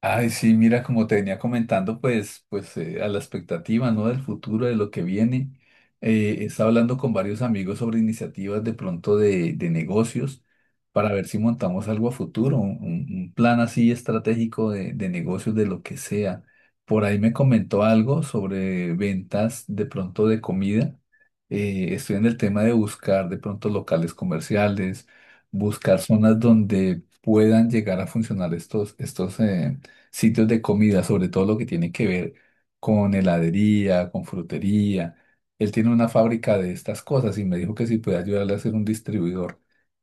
Ay, sí, mira, como te venía comentando, a la expectativa, ¿no? Del futuro, de lo que viene. Estaba hablando con varios amigos sobre iniciativas de pronto de negocios para ver si montamos algo a futuro, un plan así estratégico de negocios, de lo que sea. Por ahí me comentó algo sobre ventas de pronto de comida. Estoy en el tema de buscar de pronto locales comerciales, buscar zonas donde puedan llegar a funcionar estos sitios de comida, sobre todo lo que tiene que ver con heladería, con frutería. Él tiene una fábrica de estas cosas y me dijo que si puede ayudarle a ser un distribuidor.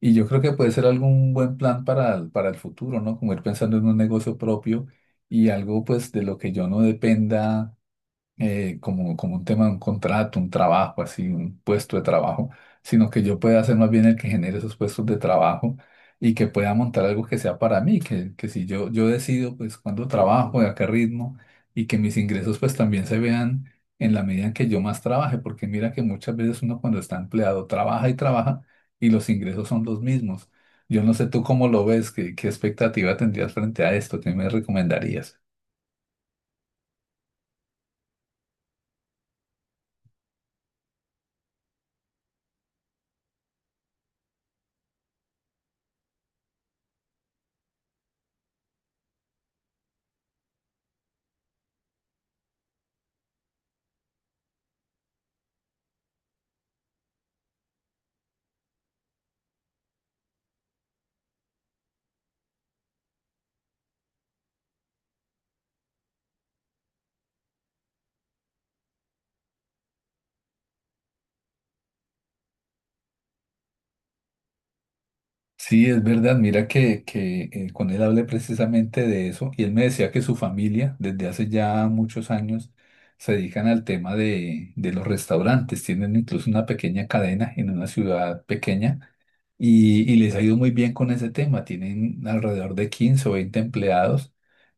Y yo creo que puede ser algún buen plan para el futuro, ¿no? Como ir pensando en un negocio propio y algo pues de lo que yo no dependa, como un tema, un contrato, un trabajo, así, un puesto de trabajo, sino que yo pueda ser más bien el que genere esos puestos de trabajo y que pueda montar algo que sea para mí, que si yo decido pues cuándo trabajo, de a qué ritmo, y que mis ingresos pues también se vean en la medida en que yo más trabaje, porque mira que muchas veces uno cuando está empleado trabaja y trabaja y los ingresos son los mismos. Yo no sé tú cómo lo ves, qué expectativa tendrías frente a esto, qué me recomendarías. Sí, es verdad. Mira que con él hablé precisamente de eso y él me decía que su familia desde hace ya muchos años se dedican al tema de los restaurantes. Tienen incluso una pequeña cadena en una ciudad pequeña y les ha ido muy bien con ese tema. Tienen alrededor de 15 o 20 empleados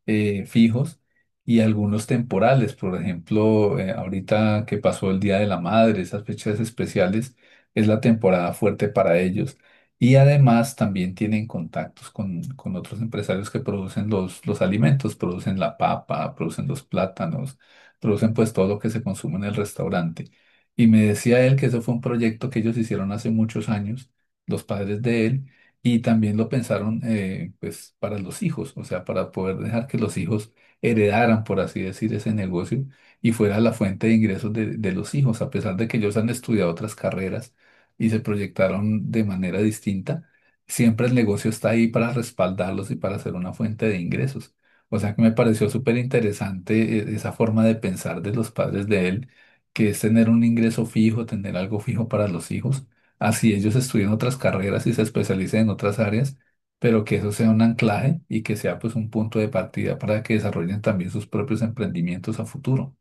fijos y algunos temporales. Por ejemplo, ahorita que pasó el Día de la Madre, esas fechas especiales, es la temporada fuerte para ellos. Y además también tienen contactos con otros empresarios que producen los alimentos, producen la papa, producen los plátanos, producen pues todo lo que se consume en el restaurante. Y me decía él que eso fue un proyecto que ellos hicieron hace muchos años, los padres de él, y también lo pensaron, pues para los hijos, o sea, para poder dejar que los hijos heredaran, por así decir, ese negocio y fuera la fuente de ingresos de los hijos, a pesar de que ellos han estudiado otras carreras y se proyectaron de manera distinta, siempre el negocio está ahí para respaldarlos y para ser una fuente de ingresos. O sea que me pareció súper interesante esa forma de pensar de los padres de él, que es tener un ingreso fijo, tener algo fijo para los hijos, así ellos estudien otras carreras y se especialicen en otras áreas, pero que eso sea un anclaje y que sea pues un punto de partida para que desarrollen también sus propios emprendimientos a futuro.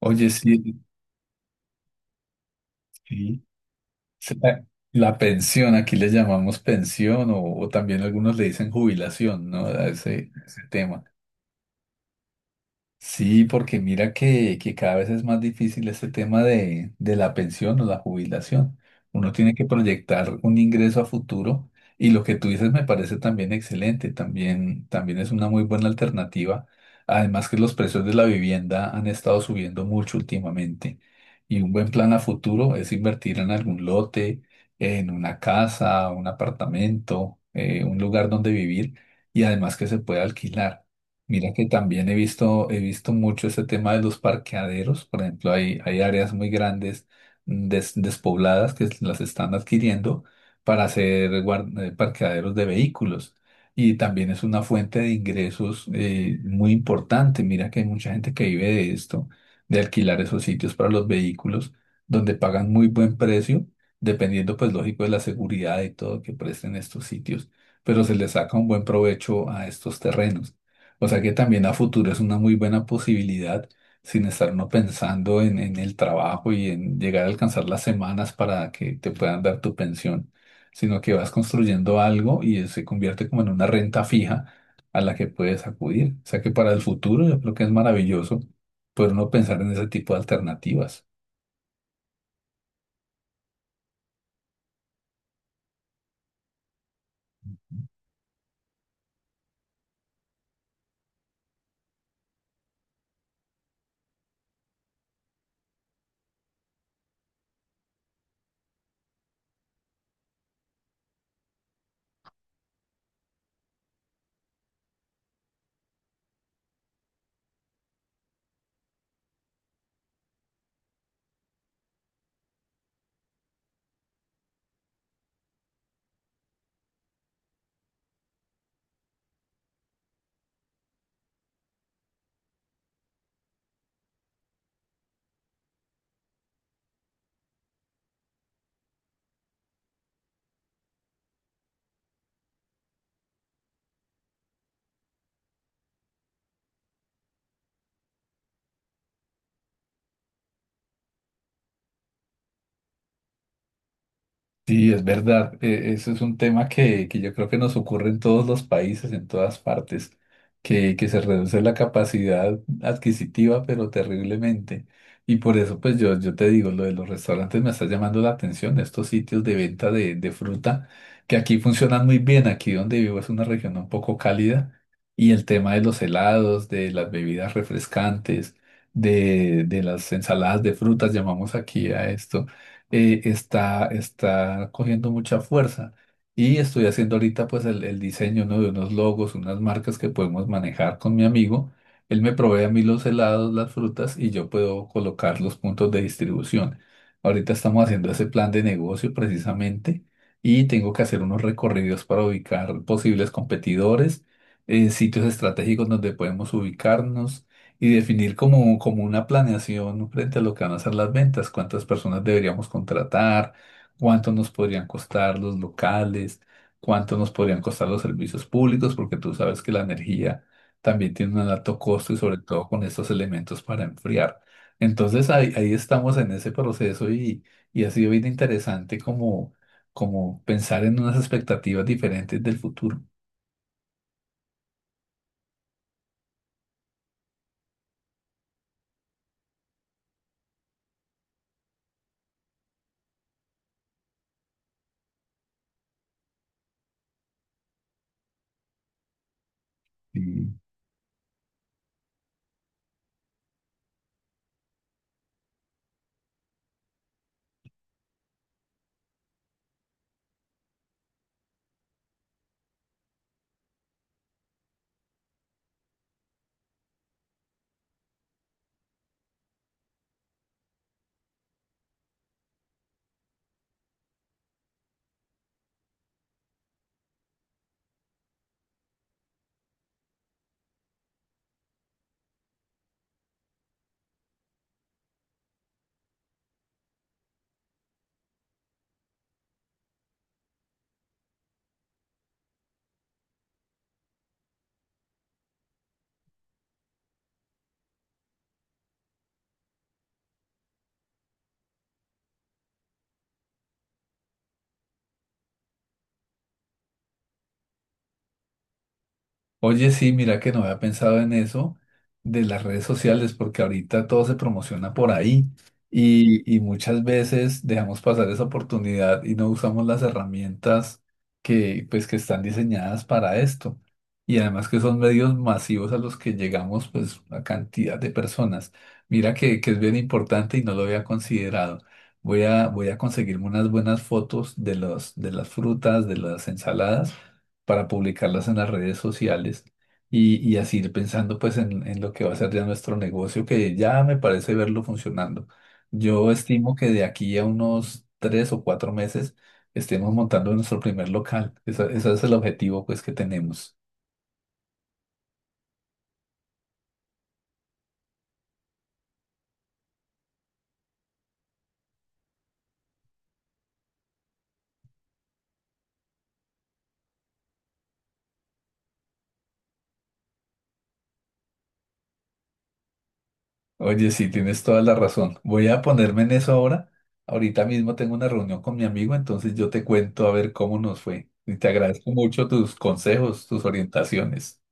Oye, sí, sí. se- La la pensión, aquí le llamamos pensión o también algunos le dicen jubilación, ¿no? A ese tema. Sí, porque mira que cada vez es más difícil este tema de la pensión o la jubilación. Uno tiene que proyectar un ingreso a futuro y lo que tú dices me parece también excelente, también, también es una muy buena alternativa. Además que los precios de la vivienda han estado subiendo mucho últimamente y un buen plan a futuro es invertir en algún lote, en una casa, un apartamento, un lugar donde vivir y además que se pueda alquilar. Mira que también he visto mucho ese tema de los parqueaderos. Por ejemplo, hay áreas muy grandes, despobladas, que las están adquiriendo para hacer parqueaderos de vehículos. Y también es una fuente de ingresos, muy importante. Mira que hay mucha gente que vive de esto, de alquilar esos sitios para los vehículos, donde pagan muy buen precio, dependiendo, pues, lógico, de la seguridad y todo que presten estos sitios. Pero se les saca un buen provecho a estos terrenos. O sea que también a futuro es una muy buena posibilidad sin estar uno pensando en el trabajo y en llegar a alcanzar las semanas para que te puedan dar tu pensión, sino que vas construyendo algo y se convierte como en una renta fija a la que puedes acudir. O sea que para el futuro yo creo que es maravilloso poder uno pensar en ese tipo de alternativas. Sí, es verdad. Eso es un tema que yo creo que nos ocurre en todos los países, en todas partes, que se reduce la capacidad adquisitiva, pero terriblemente. Y por eso, pues yo te digo, lo de los restaurantes me está llamando la atención, estos sitios de venta de fruta, que aquí funcionan muy bien. Aquí donde vivo es una región un poco cálida y el tema de los helados, de las bebidas refrescantes, de las ensaladas de frutas, llamamos aquí a esto, está cogiendo mucha fuerza. Y estoy haciendo ahorita pues el diseño, ¿no?, de unos logos, unas marcas que podemos manejar con mi amigo. Él me provee a mí los helados, las frutas, y yo puedo colocar los puntos de distribución. Ahorita estamos haciendo ese plan de negocio precisamente, y tengo que hacer unos recorridos para ubicar posibles competidores, sitios estratégicos donde podemos ubicarnos, y definir como, como una planeación frente a lo que van a ser las ventas, cuántas personas deberíamos contratar, cuánto nos podrían costar los locales, cuánto nos podrían costar los servicios públicos, porque tú sabes que la energía también tiene un alto costo, y sobre todo con estos elementos para enfriar. Entonces ahí estamos en ese proceso, y ha sido bien interesante como, como pensar en unas expectativas diferentes del futuro. Oye, sí, mira que no había pensado en eso de las redes sociales, porque ahorita todo se promociona por ahí, y muchas veces dejamos pasar esa oportunidad y no usamos las herramientas pues, que están diseñadas para esto. Y además que son medios masivos a los que llegamos, pues, a cantidad de personas. Mira que es bien importante y no lo había considerado. Voy a conseguirme unas buenas fotos de los, de las frutas, de las ensaladas, para publicarlas en las redes sociales, y así ir pensando pues en lo que va a ser ya nuestro negocio, que ya me parece verlo funcionando. Yo estimo que de aquí a unos 3 o 4 meses estemos montando nuestro primer local. Ese es el objetivo pues que tenemos. Oye, sí, tienes toda la razón. Voy a ponerme en eso ahora. Ahorita mismo tengo una reunión con mi amigo, entonces yo te cuento a ver cómo nos fue. Y te agradezco mucho tus consejos, tus orientaciones.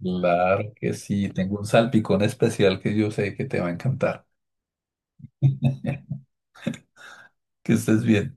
Claro que sí, tengo un salpicón especial que yo sé que te va a encantar. Que estés bien.